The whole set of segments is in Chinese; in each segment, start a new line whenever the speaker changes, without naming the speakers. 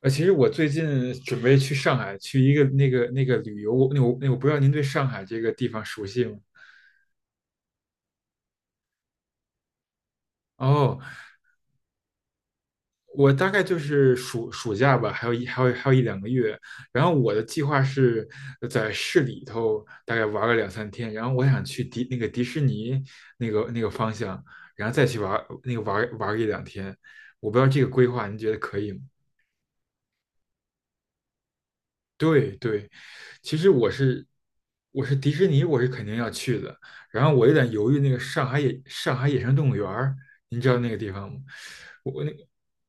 其实我最近准备去上海去一个那个旅游，我不知道您对上海这个地方熟悉吗？哦，我大概就是暑假吧，还有一两个月。然后我的计划是在市里头大概玩个两三天，然后我想去迪士尼那个方向，然后再去玩那个玩玩一两天。我不知道这个规划您觉得可以吗？对对，其实我是迪士尼，我是肯定要去的。然后我有点犹豫，那个上海野生动物园儿，您知道那个地方吗？我那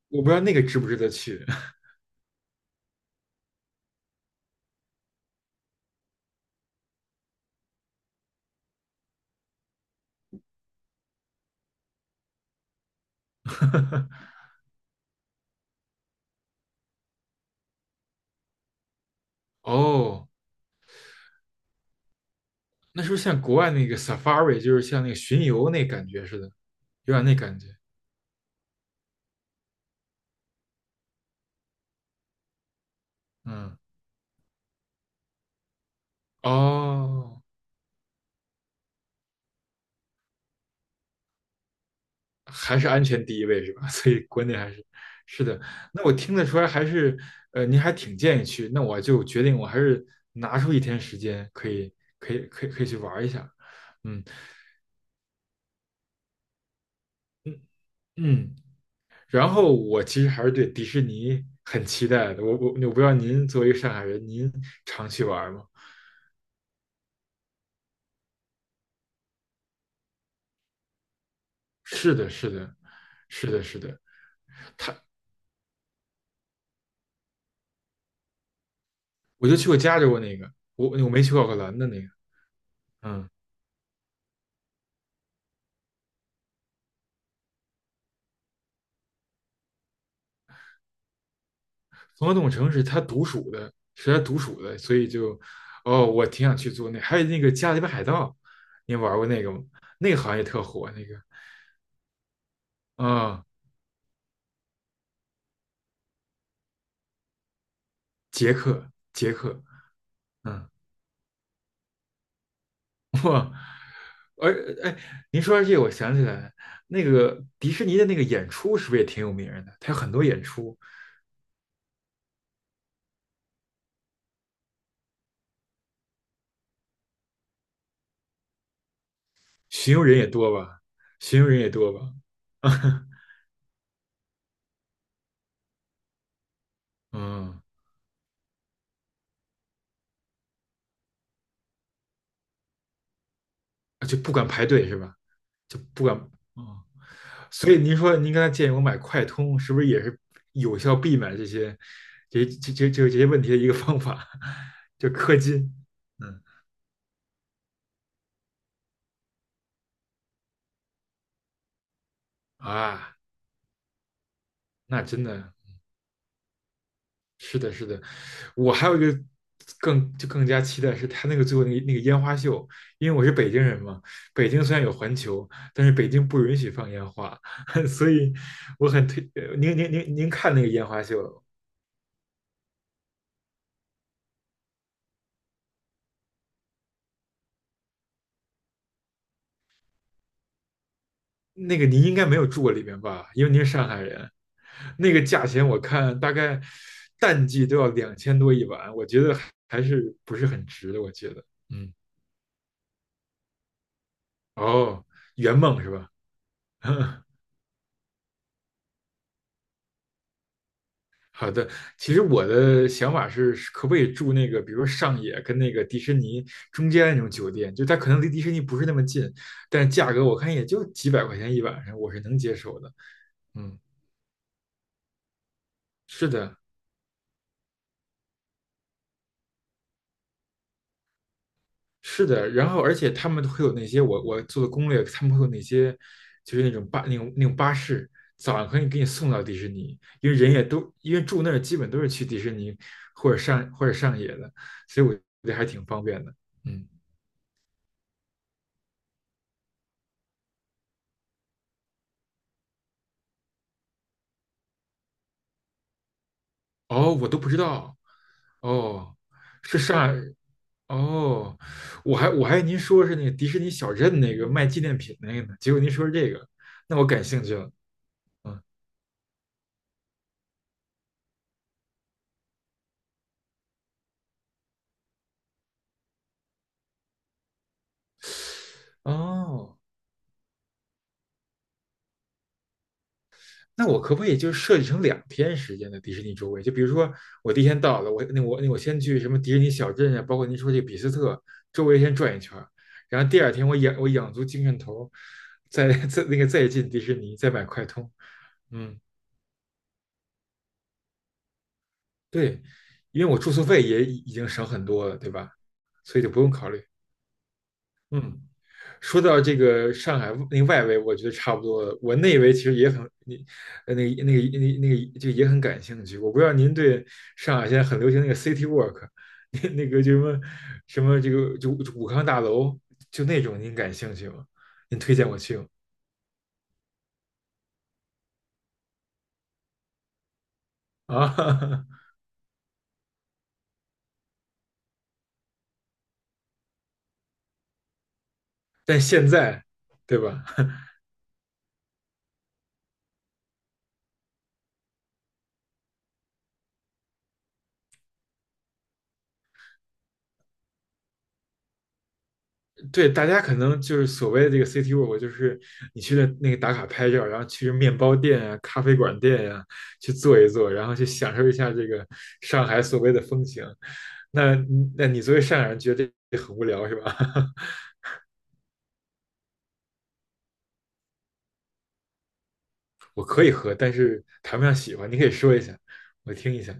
我不知道那个值不值得去。哦，那是不是像国外那个 safari,就是像那个巡游那感觉似的，有点那感觉。嗯，哦。还是安全第一位是吧？所以国内还是是的。那我听得出来，还是您还挺建议去。那我就决定，我还是拿出一天时间，可以可以可以可以去玩一下。嗯嗯嗯。然后我其实还是对迪士尼很期待的。我不知道您作为一个上海人，您常去玩吗？是的，是的，是的，是的。我就去过加州那个，我没去过奥克兰的那个。嗯，总统城是他独属的，是他独属的，所以就，哦，我挺想去做那，还有那个《加勒比海盗》，你玩过那个吗？那个好像也特火，那个啊、杰克，杰克，嗯，哇。而哎，您说到这个，我想起来，那个迪士尼的那个演出是不是也挺有名的？它有很多演出，巡游人也多吧？巡游人也多吧？嗯，就不管排队是吧？就不管，嗯。所以您说您刚才建议我买快通，是不是也是有效避免这些这这这这这些问题的一个方法？就氪金，嗯，啊，那真的是的，是的。我还有一个更加期待是他那个最后那个烟花秀，因为我是北京人嘛，北京虽然有环球，但是北京不允许放烟花，所以我很推呃您您您您看那个烟花秀了吗？那个您应该没有住过里面吧？因为您是上海人，那个价钱我看大概淡季都要2000多一晚，我觉得还是不是很值的。我觉得，嗯，哦，圆梦是吧？好的，其实我的想法是，是可不可以住那个，比如说上野跟那个迪士尼中间那种酒店，就它可能离迪士尼不是那么近，但价格我看也就几百块钱一晚上，我是能接受的。嗯，是的，是的，然后而且他们会有那些我做的攻略，他们会有那些就是那种那种巴士，早上可以给你送到迪士尼，因为人也都因为住那儿基本都是去迪士尼或者上野的，所以我觉得还挺方便的。嗯，哦，我都不知道，哦，是上海。哦，我还以为您说是那个迪士尼小镇那个卖纪念品那个呢，结果您说是这个，那我感兴趣了。嗯，哦。那我可不可以就设计成两天时间的迪士尼周围？就比如说我第一天到了，我先去什么迪士尼小镇啊，包括您说这个比斯特周围先转一圈，然后第二天我养足精神头儿，再再那个再进迪士尼，再买快通。嗯，对，因为我住宿费也已经省很多了，对吧？所以就不用考虑。嗯，说到这个上海那个外围，我觉得差不多了。我内围其实也很，你呃那个那个那个那个就也很感兴趣。我不知道您对上海现在很流行那个 city walk,那那个就什么什么这个就就武康大楼，就那种您感兴趣吗？您推荐我去吗？啊，但现在对吧？对，大家可能就是所谓的这个 city walk,就是你去的那个打卡拍照，然后去面包店啊、咖啡馆店呀、去坐一坐，然后去享受一下这个上海所谓的风情。那那你作为上海人，觉得这很无聊是吧？我可以喝，但是谈不上喜欢。你可以说一下，我听一下。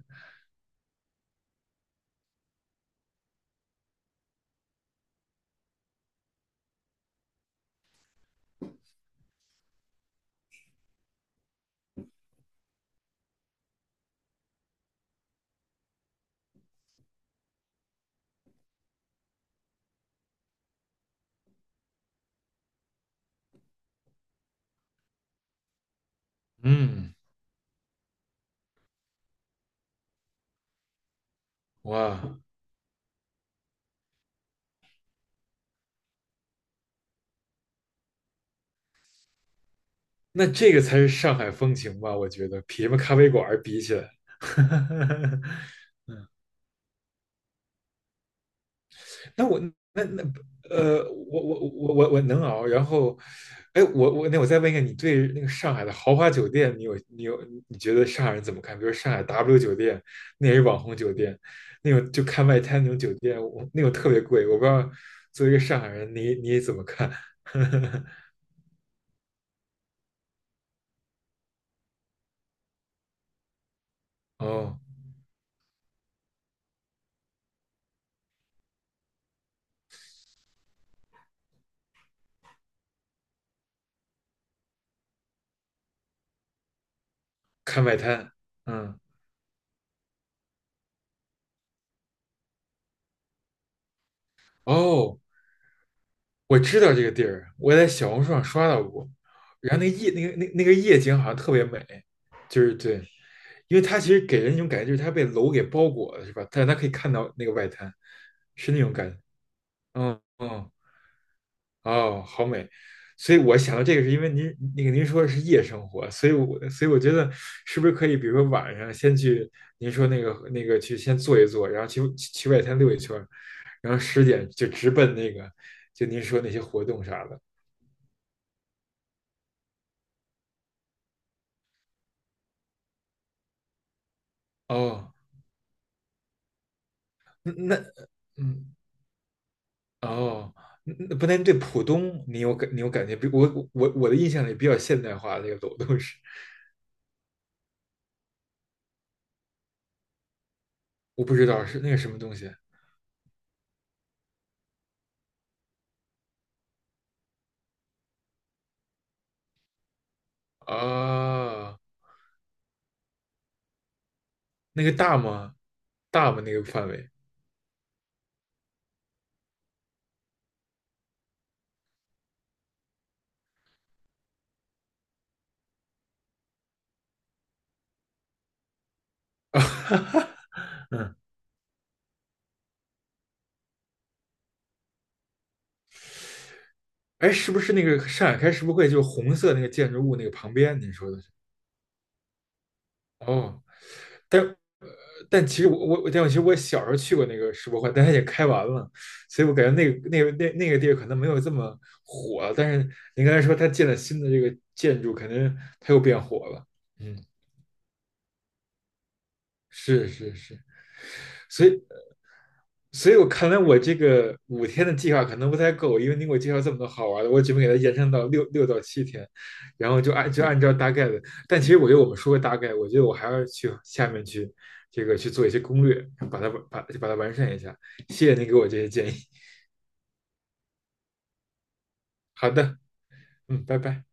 嗯，哇，那这个才是上海风情吧？我觉得比什么咖啡馆儿比起来。那我那那呃，我能熬。然后，哎，我再问一个，你对那个上海的豪华酒店，你觉得上海人怎么看？比如上海 W 酒店，那也是网红酒店，那种就看外滩那种酒店，我那种特别贵。我不知道作为一个上海人，你怎么看？哦，看外滩，嗯，哦，我知道这个地儿，我在小红书上刷到过。然后那夜那个那那个夜景好像特别美，就是对，因为它其实给人一种感觉，就是它被楼给包裹了，是吧？但是它可以看到那个外滩，是那种感觉。嗯嗯，哦，好美。所以我想到这个，是因为您那个您说的是夜生活，所以我觉得是不是可以，比如说晚上先去您说那个去先坐一坐，然后去外滩溜一圈儿，然后10点就直奔那个就您说那些活动啥的。哦，那那嗯。哦，那不但对浦东你有感觉，比我我我的印象里比较现代化的那个楼都是，我不知道是那个什么东西啊，那个大吗？大吗？那个范围？嗯，哎，是不是那个上海开世博会就是红色那个建筑物那个旁边？你说的是？哦，但呃但其实我我我但我其实我小时候去过那个世博会，但它也开完了，所以我感觉那个地儿可能没有这么火，但是您刚才说它建了新的这个建筑，肯定它又变火了。嗯，是是是，所以，所以我看来我这个5天的计划可能不太够，因为你给我介绍这么多好玩的，我准备给它延伸到六到七天，然后就按照大概的。但其实我觉得我们说个大概，我觉得我还要去下面去这个去做一些攻略，把它完善一下。谢谢您给我这些建议。好的，嗯，拜拜。